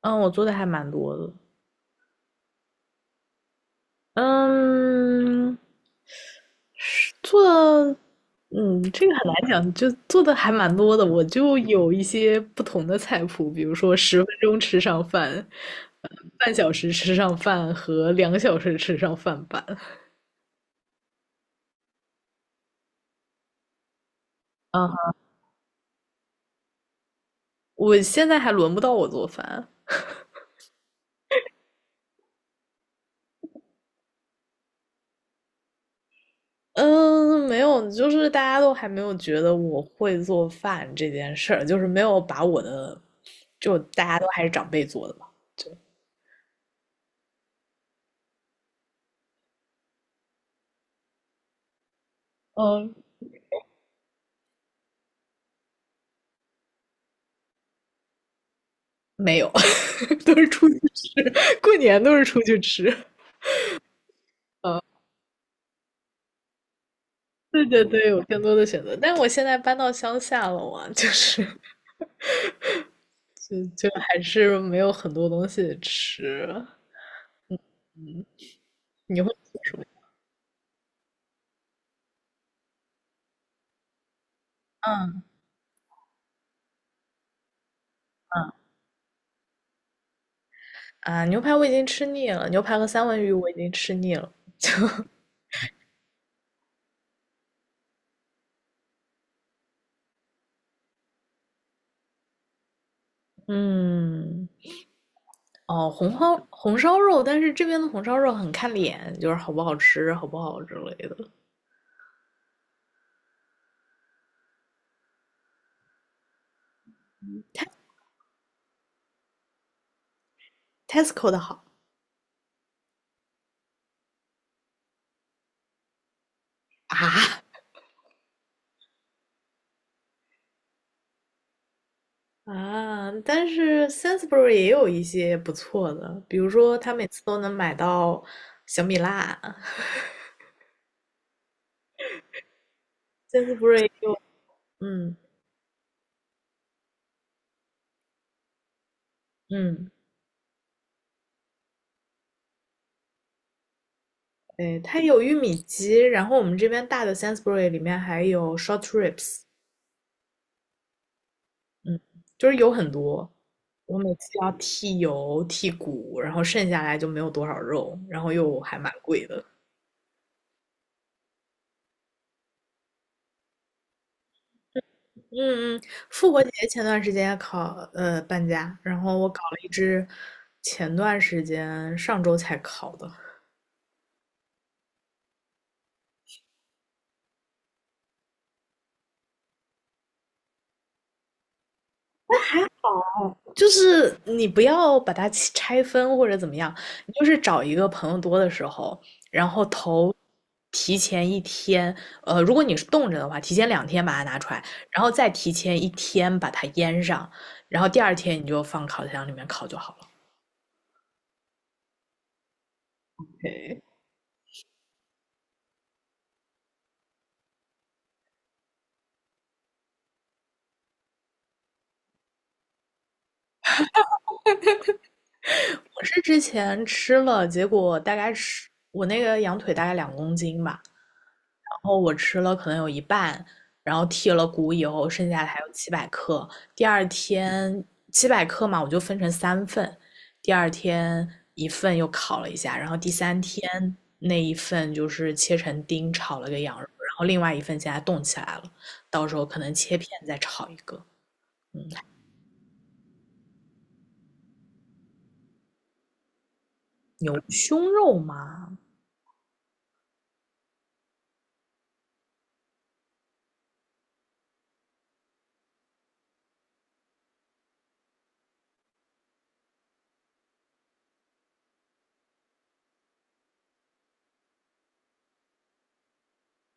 嗯，我做的还蛮多的，嗯，是做的嗯，这个很难讲，就做的还蛮多的。我就有一些不同的菜谱，比如说十分钟吃上饭，呃半小时吃上饭和2小时吃上饭版。啊，我现在还轮不到我做饭。嗯，没有，就是大家都还没有觉得我会做饭这件事儿，就是没有把我的，就大家都还是长辈做的吧。嗯，没有 都是出去吃，过年都是出去吃。对对对，有更多的选择，但我现在搬到乡下了嘛，就是就还是没有很多东西吃。你会吃什么？嗯嗯啊，牛排我已经吃腻了，牛排和三文鱼我已经吃腻了。嗯，哦，红烧肉，但是这边的红烧肉很看脸，就是好不好吃，好不好之类的。Tesco 的好啊，啊，但是 s a n s b u r y 也有一些不错的，比如说他每次都能买到小米辣，Sainsbury 有，嗯嗯，对，它有玉米鸡，然后我们这边大的 s a n s b u r y 里面还有 short ribs，嗯，就是有很多，我每次要剔油剔骨，然后剩下来就没有多少肉，然后又还蛮贵的。嗯嗯，复活节前段时间考搬家，然后我搞了一只，前段时间上周才考的。就是你不要把它切拆分或者怎么样，你就是找一个朋友多的时候，然后头提前一天，如果你是冻着的话，提前2天把它拿出来，然后再提前一天把它腌上，然后第二天你就放烤箱里面烤就好了。对，我是之前吃了，结果大概吃我那个羊腿大概2公斤吧，然后我吃了可能有一半，然后剔了骨以后，剩下的还有七百克。第二天七百克嘛，我就分成3份，第二天一份又烤了一下，然后第三天那一份就是切成丁炒了个羊肉，然后另外一份现在冻起来了，到时候可能切片再炒一个。牛胸肉嘛，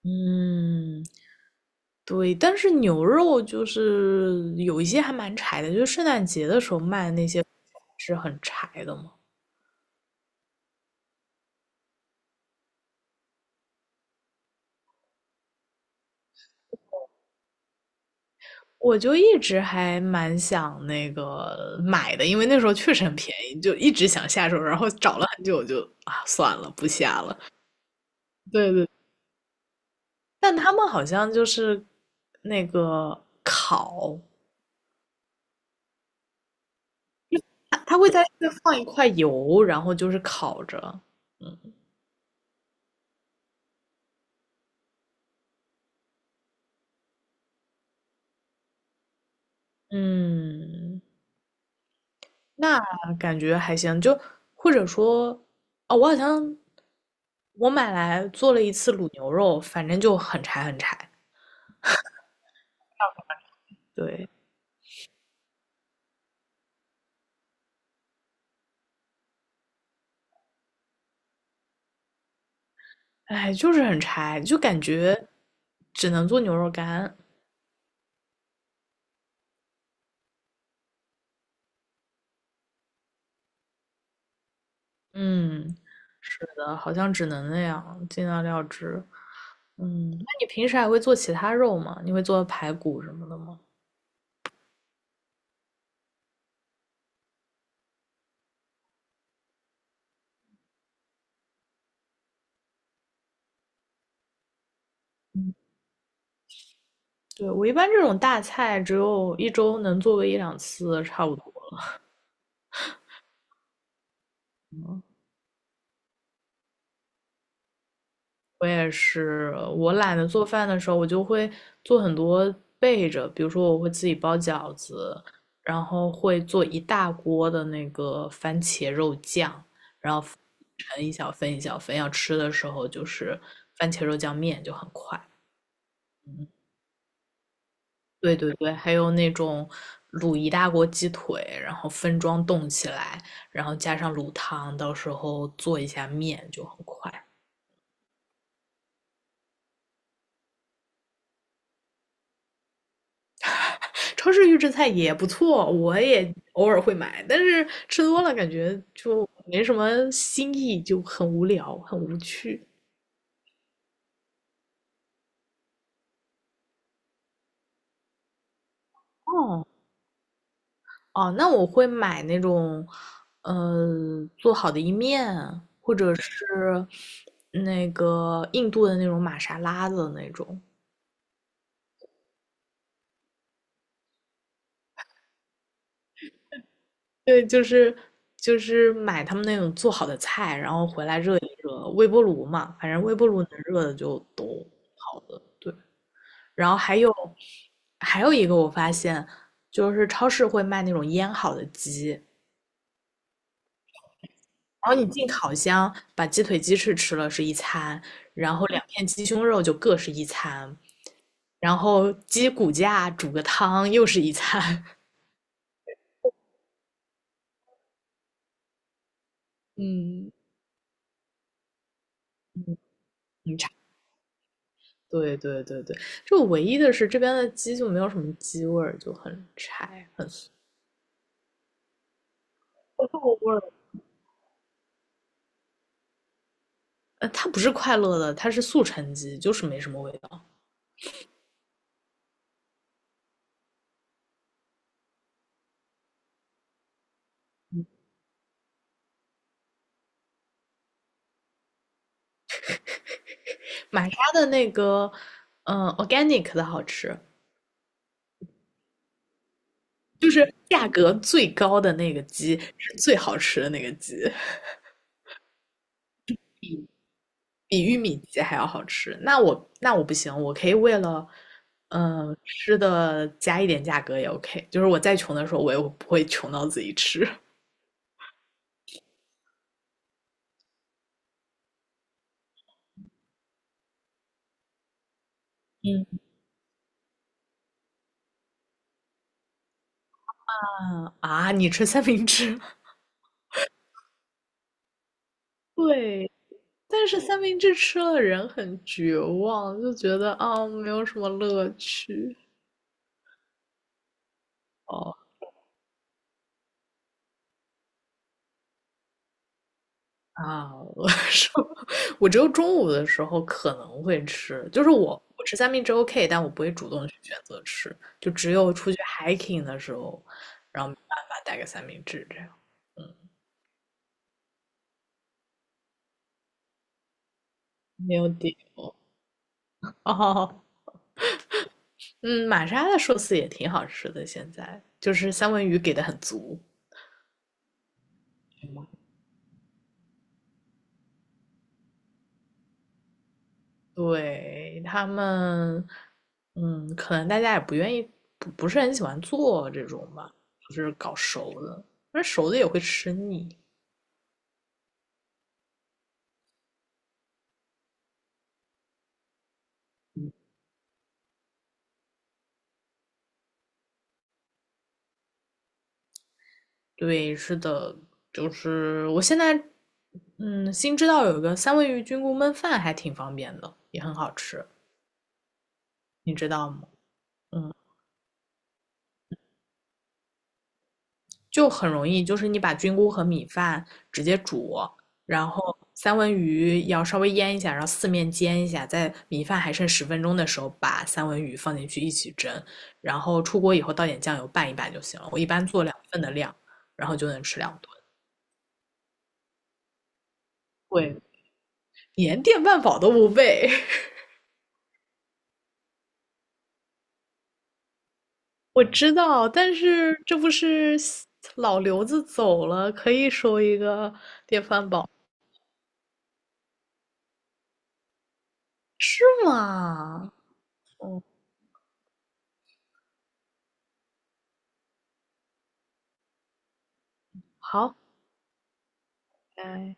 嗯，对，但是牛肉就是有一些还蛮柴的，就是圣诞节的时候卖的那些是很柴的嘛。我就一直还蛮想那个买的，因为那时候确实很便宜，就一直想下手，然后找了很久就，啊算了，不下了。对对，但他们好像就是那个烤，他会在这放一块油，然后就是烤着。嗯嗯，那感觉还行，就或者说，哦，我好像我买来做了一次卤牛肉，反正就很柴很柴。对，哎，就是很柴，就感觉只能做牛肉干。嗯，是的，好像只能那样，尽量料汁。那你平时还会做其他肉吗？你会做排骨什么的吗？对，我一般这种大菜只有一周能做个一两次，差不多。我也是，我懒得做饭的时候，我就会做很多备着，比如说我会自己包饺子，然后会做一大锅的那个番茄肉酱，盛一小份一小份，要吃的时候就是番茄肉酱面就很快。对对对，还有那种卤一大锅鸡腿，然后分装冻起来，然后加上卤汤，到时候做一下面就很快。超市预制菜也不错，我也偶尔会买，但是吃多了感觉就没什么新意，就很无聊，很无趣。哦哦，那我会买那种，做好的意面，或者是那个印度的那种玛莎拉的那种。对，就是买他们那种做好的菜，然后回来热一热，微波炉嘛，反正微波炉能热的就都好的。对，然后还有一个我发现，就是超市会卖那种腌好的鸡，然后你进烤箱把鸡腿、鸡翅吃了是一餐，然后2片鸡胸肉就各是一餐，然后鸡骨架煮个汤又是一餐。嗯，很柴。对对对对，就唯一的是这边的鸡就没有什么鸡味儿，就很柴，很素肉味儿。它不是快乐的，它是速成鸡，就是没什么味道。玛莎的那个，Organic 的好吃，就是价格最高的那个鸡是最好吃的那个鸡，比玉米鸡还要好吃。那我不行，我可以为了，吃的加一点价格也 OK。就是我再穷的时候，我也不会穷到自己吃。嗯 嗯啊，你吃三明治？对，但是三明治吃了人很绝望，就觉得啊、没有什么乐趣。哦，啊，我说 我只有中午的时候可能会吃，就是我吃三明治 OK，但我不会主动去选择吃，就只有出去 hiking 的时候，然后没办法带个三明治这样。没有底哦，嗯，玛莎的寿司也挺好吃的，现在就是三文鱼给的很足。对，他们，可能大家也不愿意，不是很喜欢做这种吧，就是搞熟的，但是熟的也会吃腻。对，是的，就是我现在，新知道有一个三文鱼菌菇焖饭还挺方便的，也很好吃，你知道吗？嗯，就很容易，就是你把菌菇和米饭直接煮，然后三文鱼要稍微腌一下，然后四面煎一下，在米饭还剩十分钟的时候，把三文鱼放进去一起蒸，然后出锅以后倒点酱油拌一拌就行了。我一般做2份的量，然后就能吃2顿。对，连电饭煲都不备。我知道，但是这不是西老刘子走了，可以收一个电饭煲，是吗？哦，好，拜。